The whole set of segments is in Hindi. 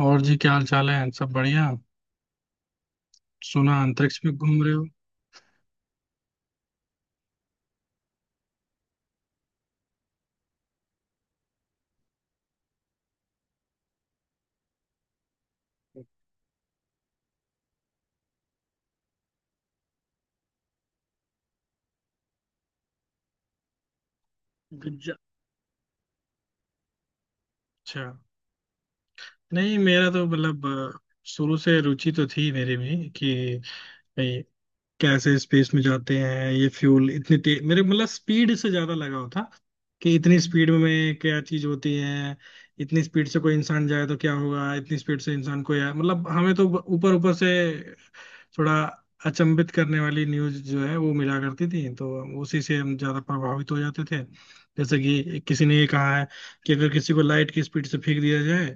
और जी क्या हाल चाल है। सब बढ़िया। सुना अंतरिक्ष में घूम रहे हो। गुज्जा- अच्छा। नहीं मेरा तो मतलब, अ, शुरू से रुचि तो थी मेरी भी कि कैसे स्पेस में जाते हैं। ये फ्यूल इतनी तेज, मेरे मतलब स्पीड से ज्यादा लगाव था कि इतनी स्पीड में क्या चीज होती है। इतनी स्पीड से कोई इंसान जाए तो क्या होगा, इतनी स्पीड से इंसान कोई आए, मतलब हमें तो ऊपर ऊपर से थोड़ा अचंभित करने वाली न्यूज जो है वो मिला करती थी। तो उसी से हम ज्यादा प्रभावित हो जाते थे। जैसे कि किसी ने ये कहा है कि अगर किसी को लाइट की स्पीड से फेंक दिया जाए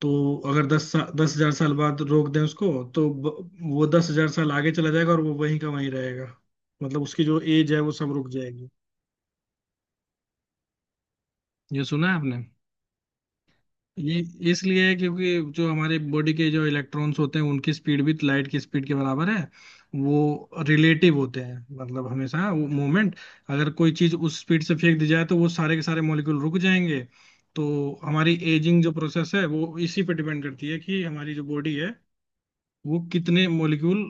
तो अगर 10,000 साल बाद रोक दें उसको तो वो 10,000 साल आगे चला जाएगा और वो वहीं का वहीं रहेगा। मतलब उसकी जो एज है वो सब रुक जाएगी। ये सुना है आपने? ये इसलिए है क्योंकि जो हमारे बॉडी के जो इलेक्ट्रॉन्स होते हैं उनकी स्पीड भी लाइट की स्पीड के बराबर है। वो रिलेटिव होते हैं। मतलब हमेशा वो मोमेंट, अगर कोई चीज उस स्पीड से फेंक दी जाए तो वो सारे के सारे मॉलिक्यूल रुक जाएंगे। तो हमारी एजिंग जो प्रोसेस है वो इसी पे डिपेंड करती है कि हमारी जो बॉडी है वो कितने मॉलिक्यूल,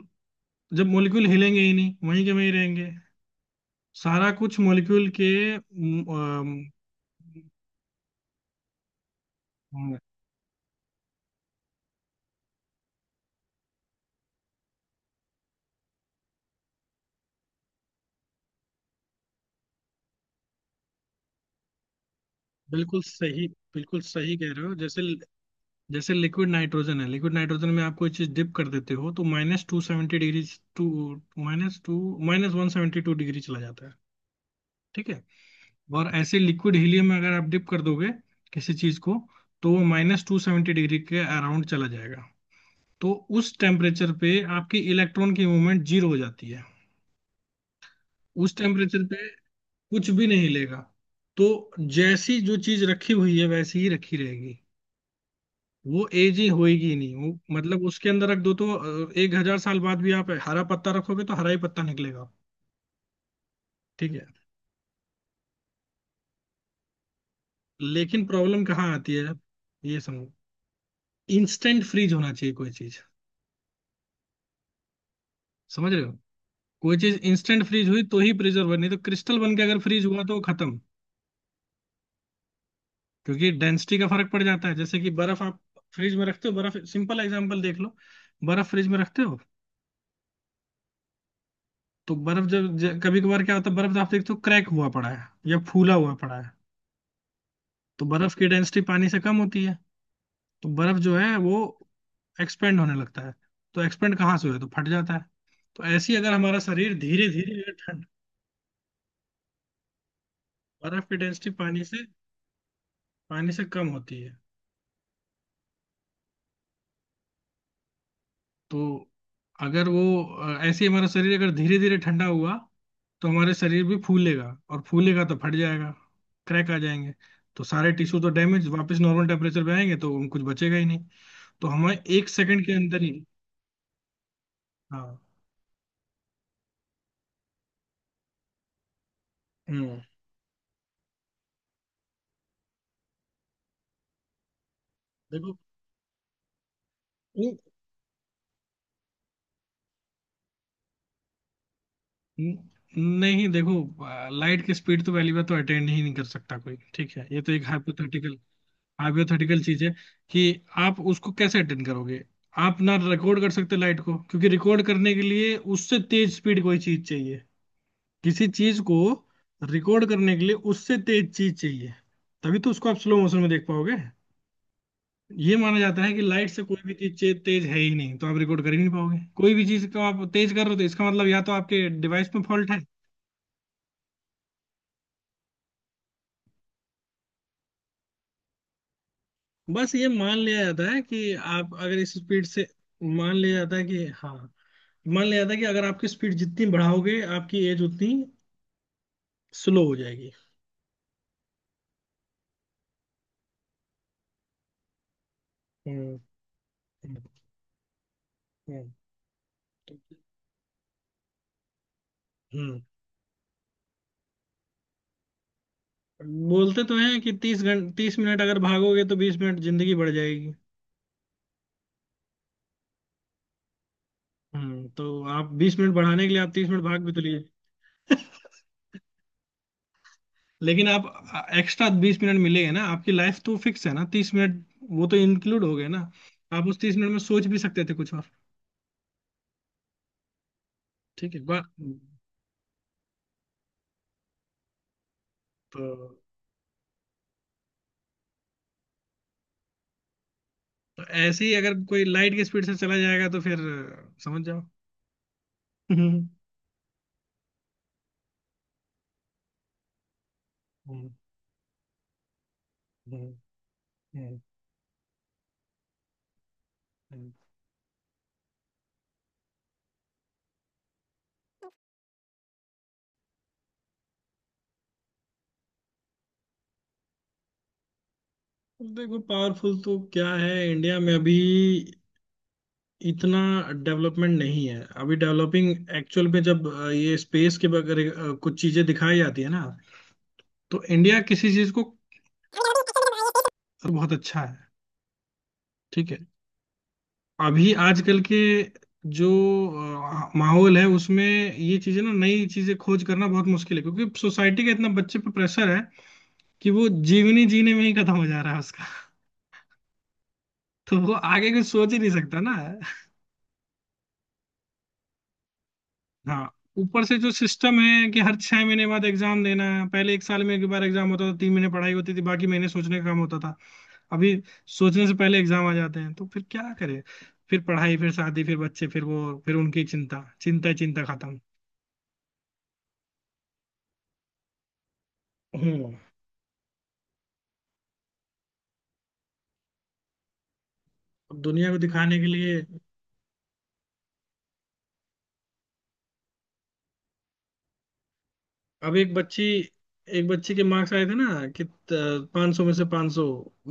जब मॉलिक्यूल हिलेंगे ही नहीं वहीं के वहीं रहेंगे। सारा कुछ मॉलिक्यूल के। अम, अम, बिल्कुल सही। बिल्कुल सही कह रहे हो। जैसे, जैसे लिक्विड नाइट्रोजन है, लिक्विड नाइट्रोजन में आप कोई चीज डिप कर देते हो तो -270 degree, to minus to -172 degree चला जाता है। ठीक है। और ऐसे लिक्विड हीलियम में अगर आप डिप कर दोगे किसी चीज को तो वो -270 डिग्री के अराउंड चला जाएगा। तो उस टेम्परेचर पे आपकी इलेक्ट्रॉन की मूवमेंट जीरो हो जाती है। उस टेम्परेचर पे कुछ भी नहीं लेगा। तो जैसी जो चीज रखी हुई है वैसी ही रखी रहेगी। वो एज ही होएगी ही नहीं, वो मतलब उसके अंदर रख दो तो 1,000 साल बाद भी आप हरा पत्ता रखोगे तो हरा ही पत्ता निकलेगा। ठीक है। लेकिन प्रॉब्लम कहाँ आती है, ये समझो। इंस्टेंट फ्रीज होना चाहिए कोई चीज, समझ रहे हो? कोई चीज इंस्टेंट फ्रीज हुई तो ही प्रिजर्व, नहीं तो क्रिस्टल बन के अगर फ्रीज हुआ तो वो खत्म। क्योंकि डेंसिटी का फर्क पड़ जाता है। जैसे कि बर्फ आप फ्रिज में रखते हो, बर्फ सिंपल एग्जांपल देख लो। बर्फ फ्रिज में रखते हो तो बर्फ जब कभी कभार क्या होता है, बर्फ आप देखते हो क्रैक हुआ पड़ा है या फूला हुआ पड़ा है। तो बर्फ की डेंसिटी पानी से कम होती है। तो बर्फ जो है वो एक्सपेंड होने लगता है। तो एक्सपेंड कहाँ से हुआ तो फट जाता है। तो ऐसे ही अगर हमारा शरीर धीरे धीरे ठंड। बर्फ की डेंसिटी पानी से कम होती है। तो अगर वो ऐसे ही हमारा शरीर अगर धीरे धीरे ठंडा हुआ तो हमारे शरीर भी फूलेगा। और फूलेगा तो फट जाएगा, क्रैक आ जाएंगे। तो सारे टिश्यू तो डैमेज, वापस नॉर्मल टेम्परेचर पे आएंगे तो कुछ बचेगा ही नहीं। तो हमें 1 सेकंड के अंदर ही। हाँ। हम्म। देखो, न- न- नहीं देखो, लाइट की स्पीड तो पहली बात तो अटेंड ही नहीं कर सकता कोई। ठीक है? ये तो एक हाइपोथेटिकल हाइपोथेटिकल चीज है कि आप उसको कैसे अटेंड करोगे। आप ना रिकॉर्ड कर सकते लाइट को क्योंकि रिकॉर्ड करने के लिए उससे तेज स्पीड कोई चीज चाहिए। किसी चीज को रिकॉर्ड करने के लिए उससे तेज चीज चाहिए। तभी तो उसको आप स्लो मोशन में देख पाओगे। ये माना जाता है कि लाइट से कोई भी चीज तेज है ही नहीं, तो आप रिकॉर्ड कर ही नहीं पाओगे। कोई भी चीज को आप तेज कर रहे हो तो इसका मतलब या तो आपके डिवाइस में फॉल्ट है। बस ये मान लिया जाता है कि आप अगर इस स्पीड से, मान लिया जाता है कि हाँ, मान लिया जाता है कि अगर आपकी स्पीड जितनी बढ़ाओगे आपकी एज उतनी स्लो हो जाएगी। हम्म। हम्म। हम्म। हम्म। बोलते तो हैं कि 30 घंटे, 30 मिनट अगर भागोगे तो 20 मिनट जिंदगी बढ़ जाएगी। तो आप 20 मिनट बढ़ाने के लिए आप 30 मिनट भाग भी तो लिए। लेकिन आप, एक्स्ट्रा 20 मिनट मिलेंगे ना, आपकी लाइफ तो फिक्स है ना, 30 मिनट वो तो इंक्लूड हो गए ना। आप उस 30 मिनट में सोच भी सकते थे कुछ और। ठीक है तो ऐसे ही अगर कोई लाइट की स्पीड से चला जाएगा तो फिर समझ जाओ। हम्म। हम्म। हम्म। हम्म। हम्म। देखो पावरफुल तो क्या है, इंडिया में अभी इतना डेवलपमेंट नहीं है, अभी डेवलपिंग एक्चुअल में। जब ये स्पेस के बगैर कुछ चीजें दिखाई जाती है ना, तो इंडिया किसी चीज को और बहुत अच्छा है। ठीक है। अभी आजकल के जो माहौल है उसमें ये चीजें ना, नई चीजें खोज करना बहुत मुश्किल है क्योंकि सोसाइटी का इतना बच्चे पे प्रेशर है कि वो जीवनी जीने में ही खत्म हो जा रहा है उसका। तो वो आगे कुछ सोच ही नहीं सकता ना। हाँ, ऊपर से जो सिस्टम है कि हर 6 महीने बाद एग्जाम देना है। पहले एक साल में एक बार एग्जाम होता था, 3 महीने पढ़ाई होती थी, बाकी महीने सोचने का काम होता था। अभी सोचने से पहले एग्जाम आ जाते हैं तो फिर क्या करें। फिर पढ़ाई, फिर शादी, फिर बच्चे, फिर वो, फिर उनकी चिंता, चिंता ही चिंता, खत्म। हम्म अब दुनिया को दिखाने के लिए, अब एक बच्ची के मार्क्स आए थे ना कि 500 में से 500।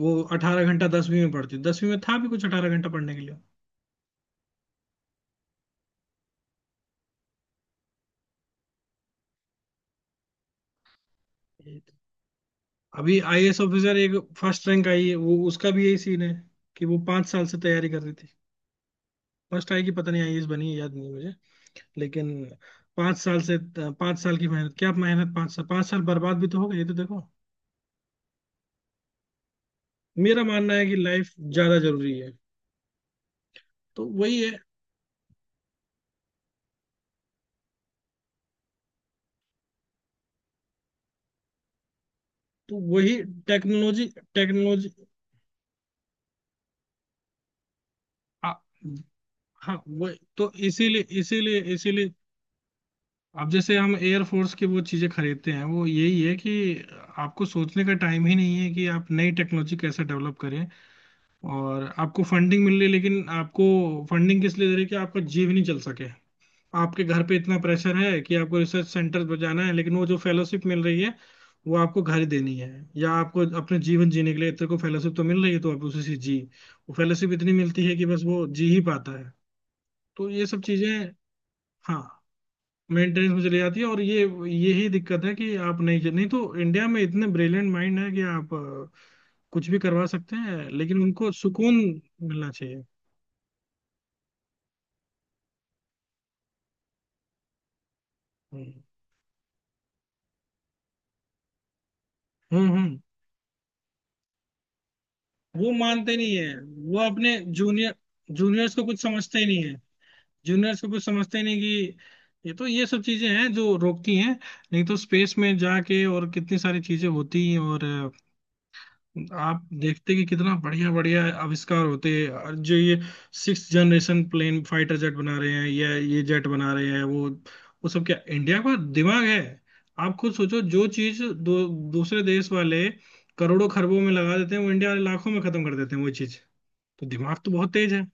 वो 18 घंटा दसवीं में पढ़ती, दसवीं में था भी कुछ 18 घंटा पढ़ने के लिए। ये तो- अभी आईएएस ऑफिसर, एक फर्स्ट रैंक आई है, वो, उसका भी यही सीन है कि वो 5 साल से तैयारी कर रही थी। फर्स्ट आई की पता नहीं, आईएएस बनी है याद नहीं। लेकिन पांच साल से पांच साल की मेहनत, क्या मेहनत, 5 साल, 5 साल बर्बाद भी तो हो गए, ये तो देखो। मेरा मानना है कि लाइफ ज्यादा जरूरी है। तो वही है। तो वही टेक्नोलॉजी, टेक्नोलॉजी। आ- हाँ वो, तो इसीलिए, इसीलिए, इसीलिए, अब जैसे हम एयरफोर्स की वो चीजें खरीदते हैं, वो यही है कि आपको सोचने का टाइम ही नहीं है कि आप नई टेक्नोलॉजी कैसे डेवलप करें। और आपको फंडिंग मिल रही है लेकिन आपको फंडिंग किस लिए दे रही है कि आपका जीव नहीं चल सके। आपके घर पे इतना प्रेशर है कि आपको रिसर्च सेंटर पर जाना है, लेकिन वो जो फेलोशिप मिल रही है वो आपको घर ही देनी है, या आपको अपने जीवन जीने के लिए, तेरे को फेलोशिप तो मिल रही है तो आप उसी से जी, वो फेलोशिप इतनी मिलती है कि बस वो जी ही पाता है। तो ये सब चीजें, हाँ, मेंटेनेंस में चली जाती है। और ये यही दिक्कत है कि आप नहीं, नहीं तो इंडिया में इतने ब्रिलियंट माइंड है कि आप कुछ भी करवा सकते हैं, लेकिन उनको सुकून मिलना चाहिए। हम्म। हम्म। हम्म। वो मानते नहीं है वो अपने जूनियर्स को कुछ समझते ही नहीं है। जूनियर्स को कुछ समझते ही नहीं कि ये तो, ये सब चीजें हैं जो रोकती हैं। नहीं तो स्पेस में जाके और कितनी सारी चीजें होती हैं और आप देखते कि कितना बढ़िया बढ़िया आविष्कार होते हैं। और जो ये 6 जनरेशन प्लेन, फाइटर जेट बना रहे हैं, या ये जेट बना रहे हैं, वो सब क्या इंडिया का दिमाग है? आप खुद सोचो, जो चीज दूसरे देश वाले करोड़ों खरबों में लगा देते हैं वो इंडिया वाले लाखों में खत्म कर देते हैं वो चीज। तो दिमाग तो बहुत तेज है।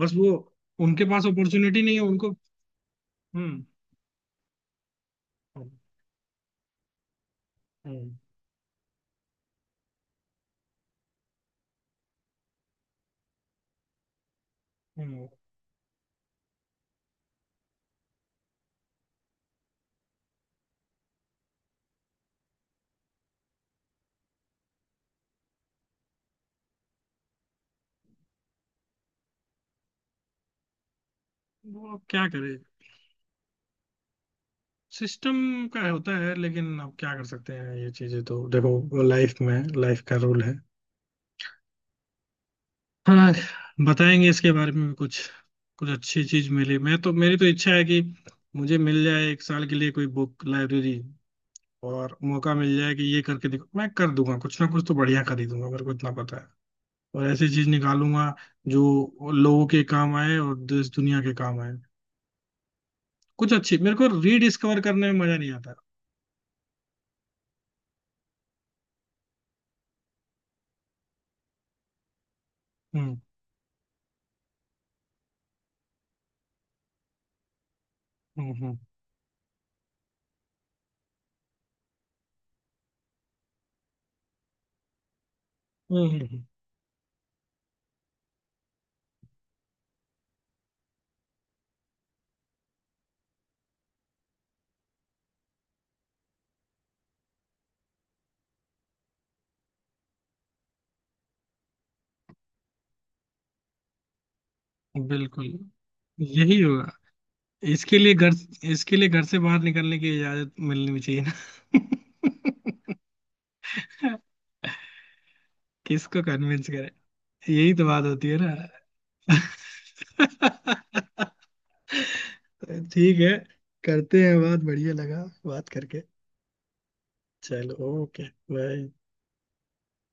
बस वो, उनके पास अपॉर्चुनिटी नहीं है उनको। हम्म। हम्म। हम्म। वो अब क्या करे, सिस्टम का होता है, लेकिन अब क्या कर सकते हैं, ये चीजें तो देखो। लाइफ में लाइफ का रूल है। हाँ, बताएंगे इसके बारे में भी कुछ। कुछ अच्छी चीज मिली मैं तो, मेरी तो इच्छा है कि मुझे मिल जाए एक साल के लिए कोई बुक लाइब्रेरी, और मौका मिल जाए कि ये करके देखो, मैं कर दूंगा, कुछ ना कुछ तो बढ़िया खरीदूंगा, मेरे को इतना पता है। और ऐसी चीज निकालूंगा जो लोगों के काम आए और देश दुनिया के काम आए। कुछ अच्छी, मेरे को रीडिस्कवर करने में मजा नहीं आता। हम्म। हम्म। हम्म। हम्म। हम्म। बिल्कुल। यही होगा। इसके लिए घर इसके लिए घर से बाहर निकलने की इजाजत मिलनी भी चाहिए ना। किसको कन्विंस करे, यही तो बात होती है ना। ठीक है। करते हैं बात, बढ़िया लगा बात करके। चलो। ओके। बाय।